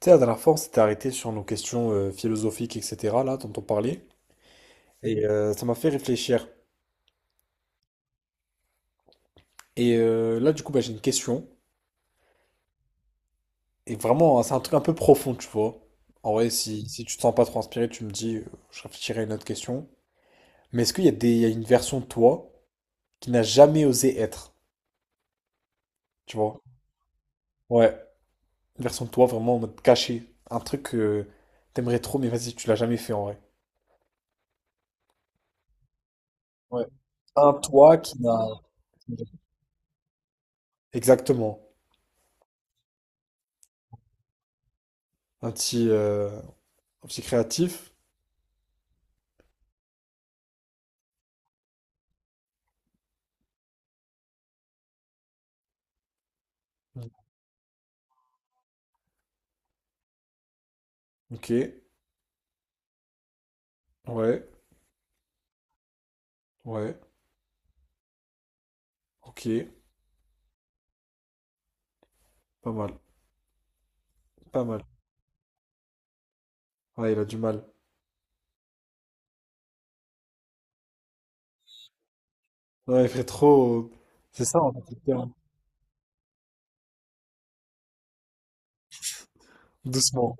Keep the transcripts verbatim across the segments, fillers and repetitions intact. Tu sais, la dernière fois, on s'était arrêté sur nos questions euh, philosophiques, et cetera, là, dont on parlait, et euh, ça m'a fait réfléchir. Et euh, là, du coup, bah, j'ai une question, et vraiment, c'est un truc un peu profond, tu vois. En vrai, si, si tu te sens pas trop inspiré, tu me dis, euh, je réfléchirai à une autre question. Mais est-ce qu'il y a des, il y a une version de toi qui n'a jamais osé être, tu vois? Ouais, une version de toi vraiment en mode caché, un truc que t'aimerais trop, mais vas-y, tu l'as jamais fait en vrai. Ouais. Un toi qui n'a... Exactement. Un petit, euh, un petit créatif. Mm. Ok, ouais, ouais, ok, pas mal, pas mal. Ouais, il a du mal. Non, il fait trop. C'est ça, en fait, le terme. Doucement.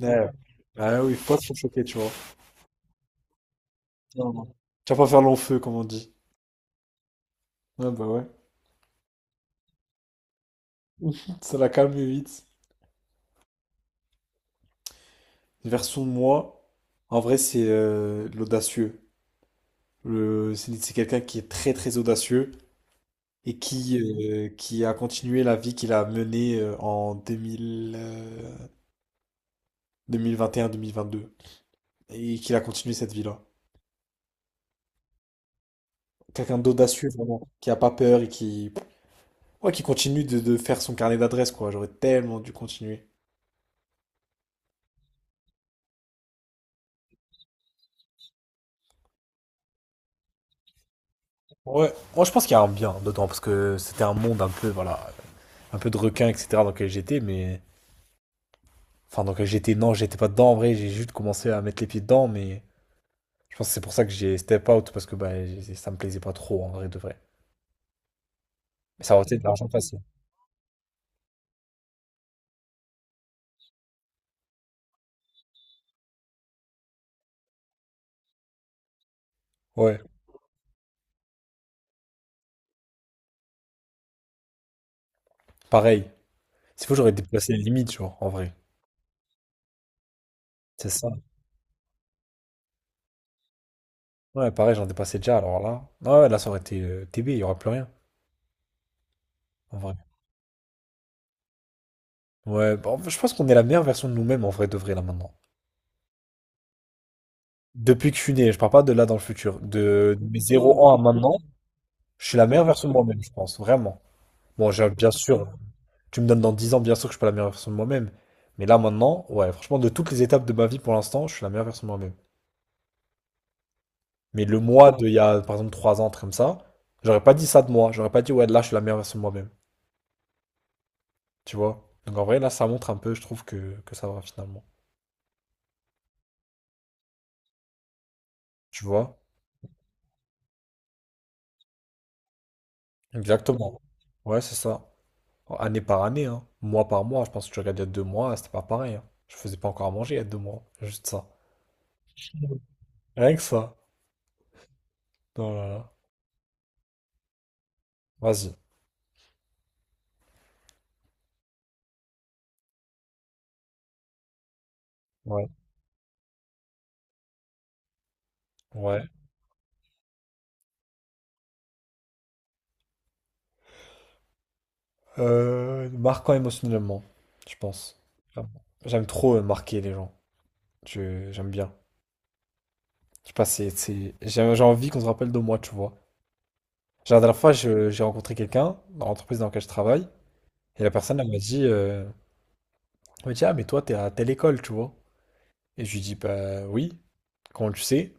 Ouais. Ah oui, faut pas trop choquer, tu vois. Non, non. Tu vas pas faire long feu, comme on dit. Ouais, bah ouais. Ça l'a calmé vite. Version moi, en vrai, c'est euh, l'audacieux. Le- C'est c'est quelqu'un qui est très très audacieux et qui, euh, qui a continué la vie qu'il a menée euh, en deux mille, euh, deux mille vingt et un-deux mille vingt-deux. Et qu'il a continué cette vie-là. Quelqu'un d'audacieux, vraiment, qui a pas peur et qui, ouais, qui continue de, de faire son carnet d'adresses, quoi. J'aurais tellement dû continuer. Ouais, moi je pense qu'il y a un bien dedans, parce que c'était un monde un peu, voilà, un peu de requin, et cetera dans lequel j'étais. Mais. Enfin, dans lequel j'étais, non, j'étais pas dedans en vrai, j'ai juste commencé à mettre les pieds dedans, mais je pense que c'est pour ça que j'ai step out, parce que bah, j'ai- ça me plaisait pas trop en vrai de vrai. Mais ça aurait été de l'argent facile. Ouais, pareil. S'il faut, j'aurais déplacé les limites, genre, en vrai. C'est ça. Ouais, pareil, j'en dépassais déjà, alors là. Ah ouais, là, ça aurait été euh, T B, il n'y aura plus rien, en vrai. Ouais, bah, en fait, je pense qu'on est la meilleure version de nous-mêmes, en vrai, de vrai, là, maintenant. Depuis que je suis né, je parle pas de là dans le futur. De, de mes zéro ans à maintenant, je suis la meilleure version de moi-même, je pense, vraiment. Bon, j'ai- bien sûr, tu me donnes dans dix ans, bien sûr que je suis pas la meilleure version de moi-même. Mais là, maintenant, ouais, franchement, de toutes les étapes de ma vie pour l'instant, je suis la meilleure version de moi-même. Mais le moi de il y a, par exemple, trois ans, un truc comme ça, j'aurais pas dit ça de moi. J'aurais pas dit, ouais, là, je suis la meilleure version de moi-même. Tu vois? Donc, en vrai, là, ça montre un peu, je trouve, que, que ça va, finalement. Tu vois? Exactement. Ouais, c'est ça. Année par année, hein. Mois par mois. Je pense que tu regardes il y a deux mois, c'était pas pareil, hein. Je faisais pas encore à manger il y a deux mois. Juste ça. Rien que ça. Oh là là. Vas-y. Ouais. Ouais. Euh, marquant émotionnellement, je pense. Clairement. J'aime trop euh, marquer les gens. Je- J'aime bien. Je sais pas, c'est, c'est- j'ai j'ai envie qu'on se rappelle de moi, tu vois. Genre, la dernière fois, je- j'ai rencontré quelqu'un dans l'entreprise dans laquelle je travaille. Et la personne, elle m'a dit, euh, elle m'a dit, ah, mais toi, t'es à telle école, tu vois. Et je lui dis, bah oui. Quand on le sait,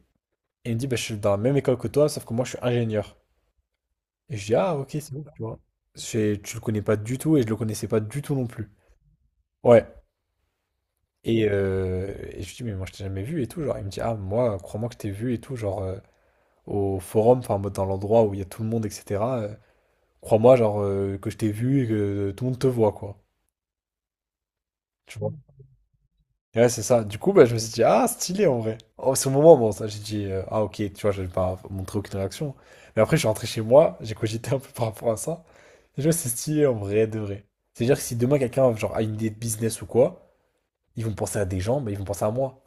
et il me dit, bah, je suis dans la même école que toi, sauf que moi, je suis ingénieur. Et je dis, ah, ok, c'est bon, tu vois. C'est- Tu le connais pas du tout et je le connaissais pas du tout non plus. Ouais. Et, euh, et je lui dis, mais moi, je t'ai jamais vu et tout. Genre, il me dit, ah, moi, crois-moi que je t'ai vu et tout, genre, euh, au forum, enfin, en mode dans l'endroit où il y a tout le monde, et cetera euh, crois-moi, genre, euh, que je t'ai vu et que euh, tout le monde te voit, quoi. Tu vois. Ouais, c'est ça. Du coup, bah, je me suis dit, ah, stylé en vrai. Oh, c'est au moment, bon, ça, j'ai dit, euh, ah, ok, tu vois, j'avais pas montré aucune réaction. Mais après, je suis rentré chez moi, j'ai cogité un peu par rapport à ça. Et je me suis dit, c'est stylé en vrai, de vrai. C'est-à-dire que si demain quelqu'un genre, a une idée de business ou quoi, ils vont penser à des gens, mais ils vont penser à moi.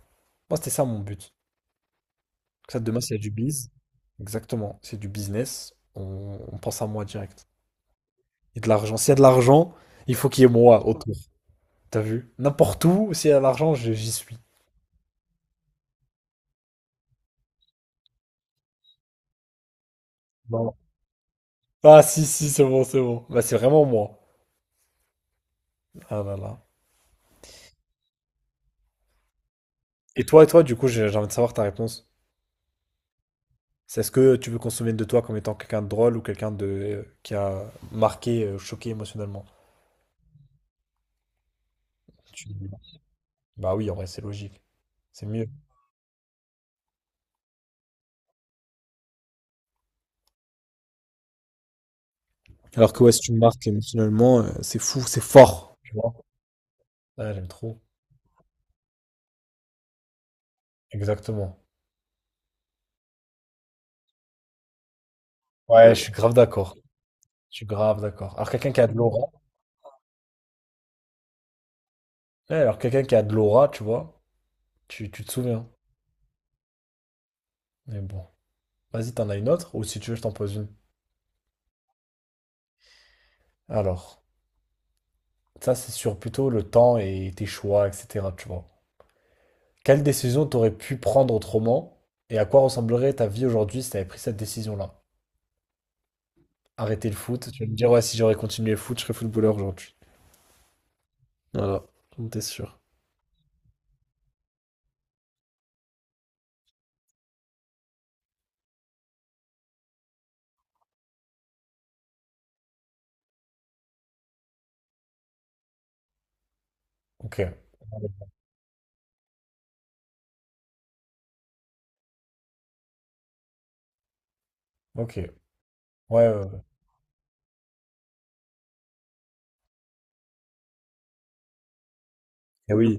Moi, c'était ça mon but. Que ça, demain, s'il y a du biz, exactement, c'est du business, on, on pense à moi direct. Et de l'argent. S'il y a de l'argent, il faut qu'il y ait moi autour. T'as vu? N'importe où, s'il y a de l'argent, je- j'y suis. Ah si, si, c'est bon, c'est bon. Bah, c'est vraiment moi. Ah là là. Et toi, et toi, du coup, j'ai j'ai envie de savoir ta réponse. C'est Est-ce que tu veux qu'on se souvienne de toi comme étant quelqu'un de drôle ou quelqu'un de euh, qui a marqué, euh, choqué émotionnellement? Tu Bah oui, en vrai, c'est logique. C'est mieux. Alors que ouais, si tu me marques émotionnellement, euh, c'est fou, c'est fort. Tu vois? Ah, j'aime trop. Exactement. Ouais, je suis grave d'accord. Je suis grave d'accord. Alors quelqu'un qui a de l'aura. Ouais, alors quelqu'un qui a de l'aura, tu vois, tu, tu te souviens. Mais bon. Vas-y, t'en as une autre, ou si tu veux, je t'en pose une. Alors. Ça, c'est sur plutôt le temps et tes choix, et cetera. Tu vois. Quelle décision t'aurais pu prendre autrement et à quoi ressemblerait ta vie aujourd'hui si t'avais pris cette décision-là? Arrêter le foot, tu vas me dire, ouais, si j'aurais continué le foot, je serais footballeur aujourd'hui. Voilà, on était sûr. Ok, ok. Ouais, ouais, ouais. Eh oui.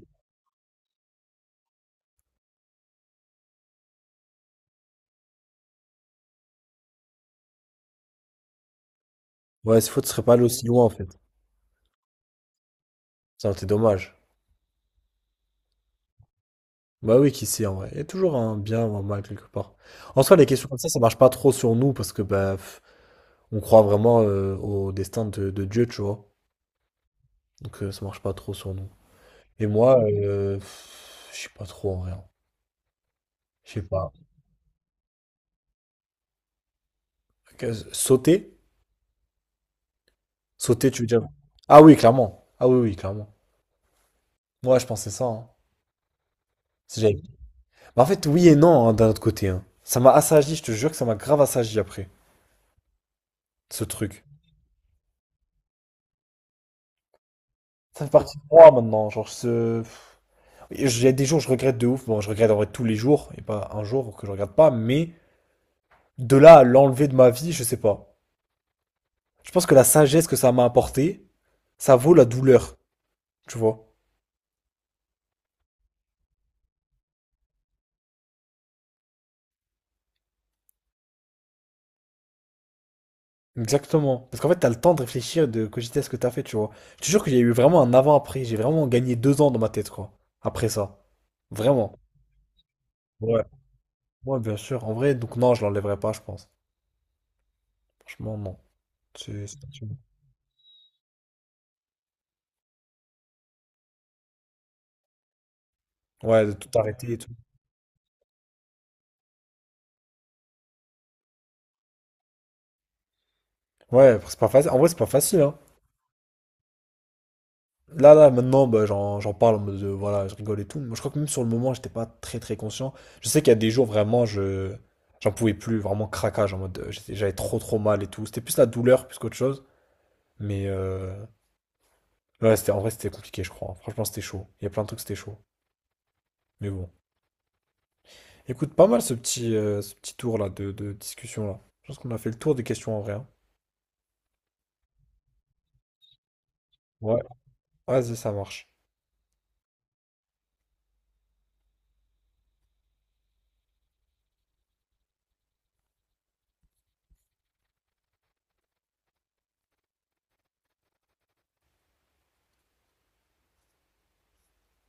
Ouais, ce foot serait pas allé aussi loin en fait. Ça aurait été dommage. Bah oui, qui sait en vrai. Il y a toujours un bien ou un mal quelque part. En soi, les questions comme ça, ça marche pas trop sur nous parce que bah pff, on croit vraiment euh, au destin de, de Dieu, tu vois. Donc euh, ça marche pas trop sur nous. Et moi, euh, pff, je sais pas trop en vrai, hein. Je sais pas. Que- Sauter? Sauter, tu veux dire? Ah oui, clairement. Ah oui, oui, clairement. Moi, je pensais ça, hein. Si j'avais- Mais en fait, oui et non, hein, d'un autre côté, hein. Ça m'a assagi, je te jure que ça m'a grave assagi après, ce truc. Ça fait partie de moi maintenant. Genre, ce... Et j- Il y a des jours, je regrette de ouf. Bon, je regrette en vrai tous les jours, et pas un jour que je regrette pas, mais de là à l'enlever de ma vie, je sais pas. Je pense que la sagesse que ça m'a apporté, ça vaut la douleur, tu vois. Exactement. Parce qu'en fait, t'as le temps de réfléchir, de cogiter à ce que t'as fait, tu vois. Je te jure qu'il y a eu vraiment un avant-après. J'ai vraiment gagné deux ans dans ma tête, quoi. Après ça. Vraiment. Ouais. Ouais, bien sûr. En vrai, donc non, je l'enlèverai pas, je pense. Franchement, non. C'est... c'est pas sûr. Ouais, de tout arrêter et tout. Ouais, c'est pas facile. En vrai, c'est pas facile, hein. Là, là, maintenant, bah, j'en, j'en parle en mode, de, voilà, je rigole et tout. Moi, je crois que même sur le moment, j'étais pas très, très conscient. Je sais qu'il y a des jours, vraiment, je... J'en pouvais plus, vraiment craquage, en mode, euh, j'étais- j'avais trop, trop mal et tout. C'était plus la douleur, plus qu'autre chose. Mais euh, Ouais, c'était, en vrai, c'était compliqué, je crois. Franchement, c'était chaud. Il y a plein de trucs, c'était chaud. Mais bon. Écoute, pas mal ce petit, euh, ce petit tour là de, de discussion là. Je pense qu'on a fait le tour des questions en vrai, hein. Ouais. Vas-y, ça marche.